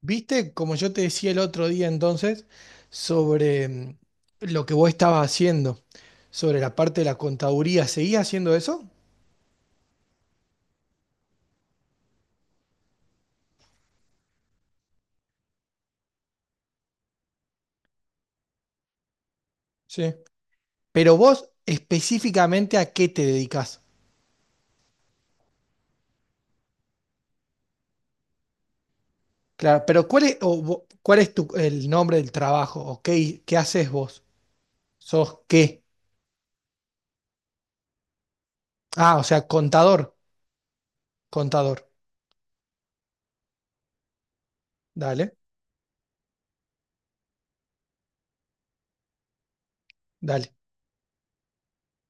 Viste, como yo te decía el otro día entonces, sobre lo que vos estabas haciendo, sobre la parte de la contaduría, ¿seguís haciendo eso? Sí. Pero vos específicamente ¿a qué te dedicás? Claro, pero ¿cuál es, cuál es tu, el nombre del trabajo? ¿O qué, qué haces vos? ¿Sos qué? Ah, o sea, contador, contador. Dale, dale.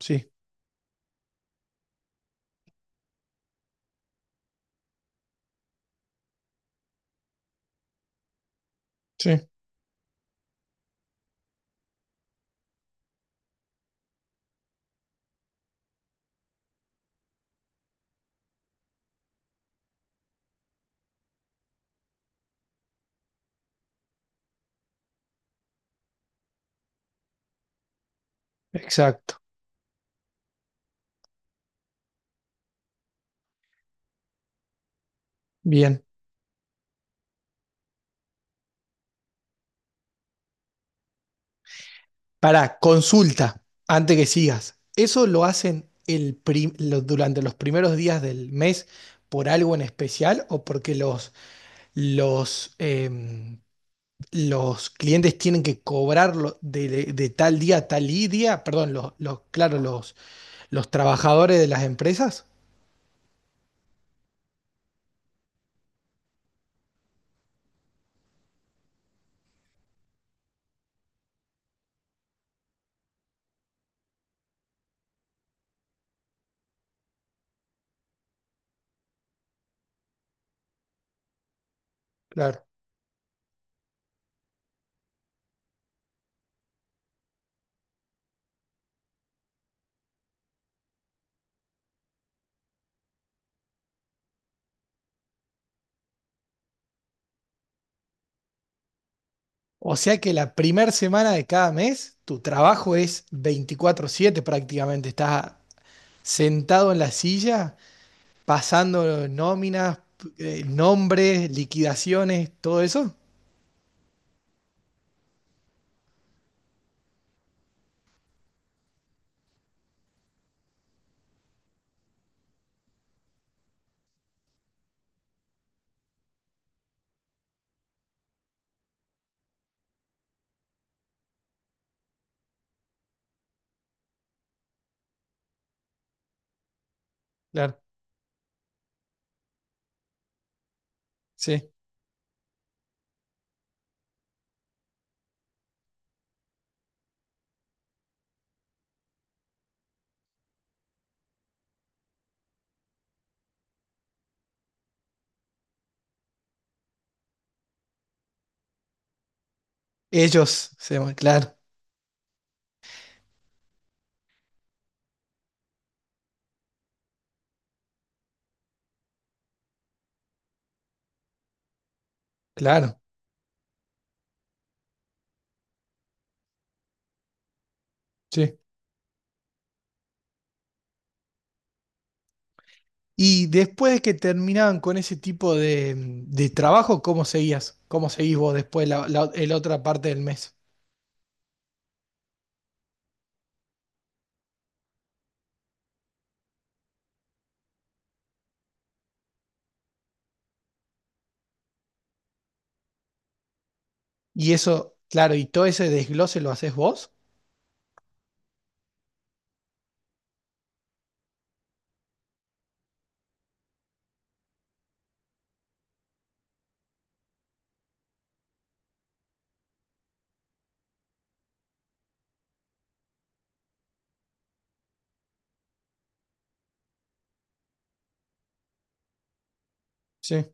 Sí, sí, exacto. Bien. Para consulta, antes que sigas, ¿eso lo hacen durante los primeros días del mes por algo en especial o porque los, em, los clientes tienen que cobrarlo de, de tal día a tal y día? Perdón, claro, los trabajadores de las empresas. Claro. O sea que la primera semana de cada mes, tu trabajo es 24/7 prácticamente. Estás sentado en la silla pasando nóminas, nombres, liquidaciones, todo eso. Claro, sí. Ellos, se llaman, claro, claro, sí. Y después de que terminaban con ese tipo de trabajo, ¿cómo seguías? ¿Cómo seguís vos después el otra parte del mes? Y eso, claro, y todo ese desglose lo haces vos. Sí.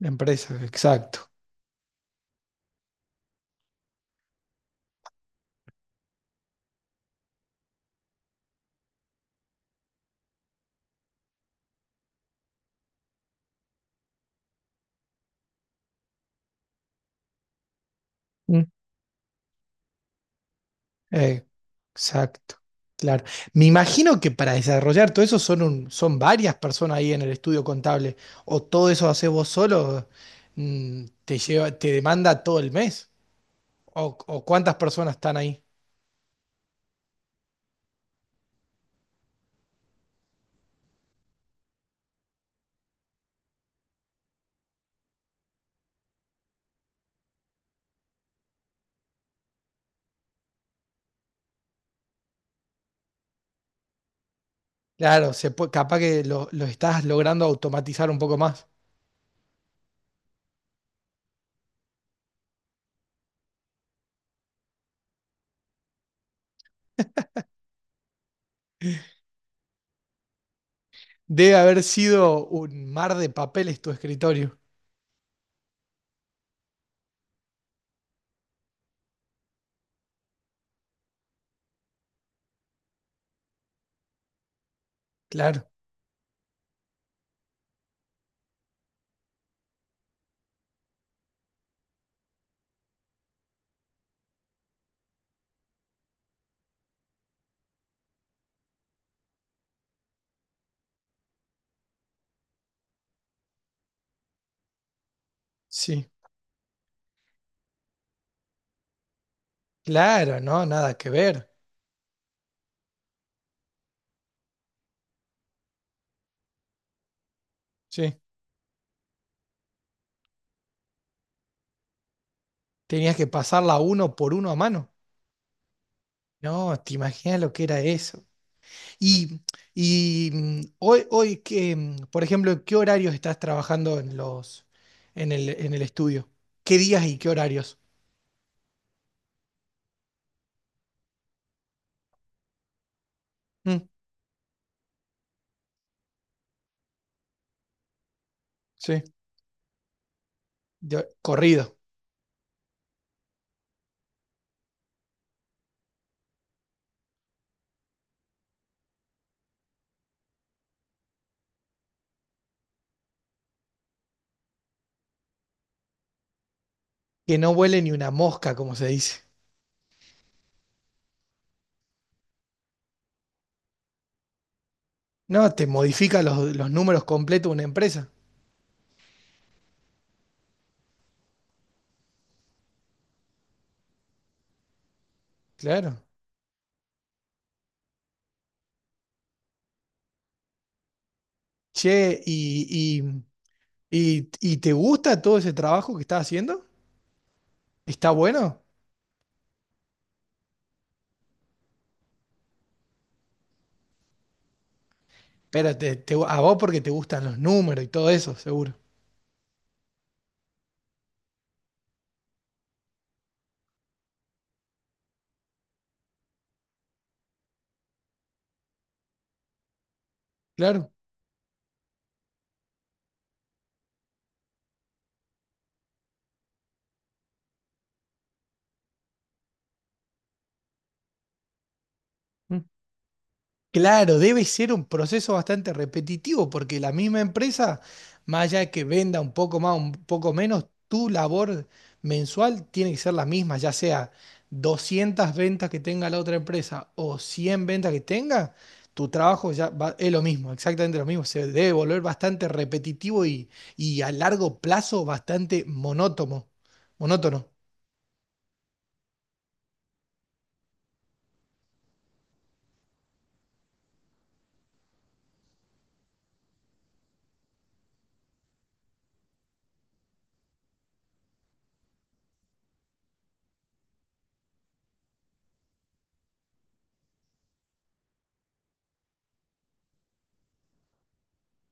La empresa, exacto. Mm. Eh, exacto, claro. Me imagino que para desarrollar todo eso son varias personas ahí en el estudio contable. O todo eso haces vos solo, mm, te lleva, te demanda todo el mes. O cuántas personas están ahí. Claro, se puede, capaz que lo estás logrando automatizar un poco más. Debe haber sido un mar de papeles tu escritorio. Claro, sí. Claro, no, nada que ver. Sí. Tenías que pasarla uno por uno a mano. No, te imaginas lo que era eso. Y, hoy, hoy que, por ejemplo, ¿en ¿qué horarios estás trabajando en en el estudio? ¿Qué días y qué horarios? Mm, sí, corrido. Que no vuele ni una mosca, como se dice. No, te modifica los números completos de una empresa. Claro. Che, y, y te gusta todo ese trabajo que estás haciendo? ¿Está bueno? Espérate, a vos porque te gustan los números y todo eso, seguro. Claro. Claro, debe ser un proceso bastante repetitivo porque la misma empresa, más allá de que venda un poco más, un poco menos, tu labor mensual tiene que ser la misma, ya sea 200 ventas que tenga la otra empresa o 100 ventas que tenga, tu trabajo ya va- es lo mismo, exactamente lo mismo. Se debe volver bastante repetitivo y a largo plazo bastante monótono, monótono.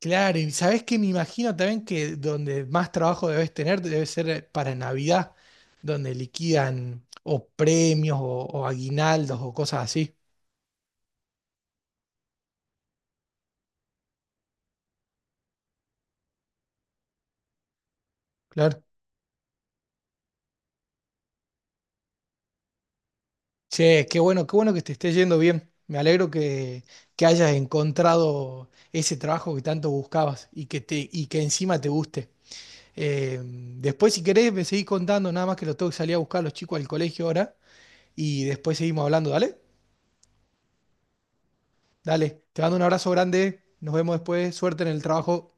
Claro, y sabes que me imagino también que donde más trabajo debes tener debe ser para Navidad, donde liquidan o premios o aguinaldos o cosas así. Claro. Che, qué bueno que te esté yendo bien. Me alegro que hayas encontrado ese trabajo que tanto buscabas y que te, y que encima te guste. Después, si querés, me seguís contando, nada más que lo tengo que salir a buscar a los chicos al colegio ahora y después seguimos hablando, ¿dale? Dale, te mando un abrazo grande. Nos vemos después. Suerte en el trabajo.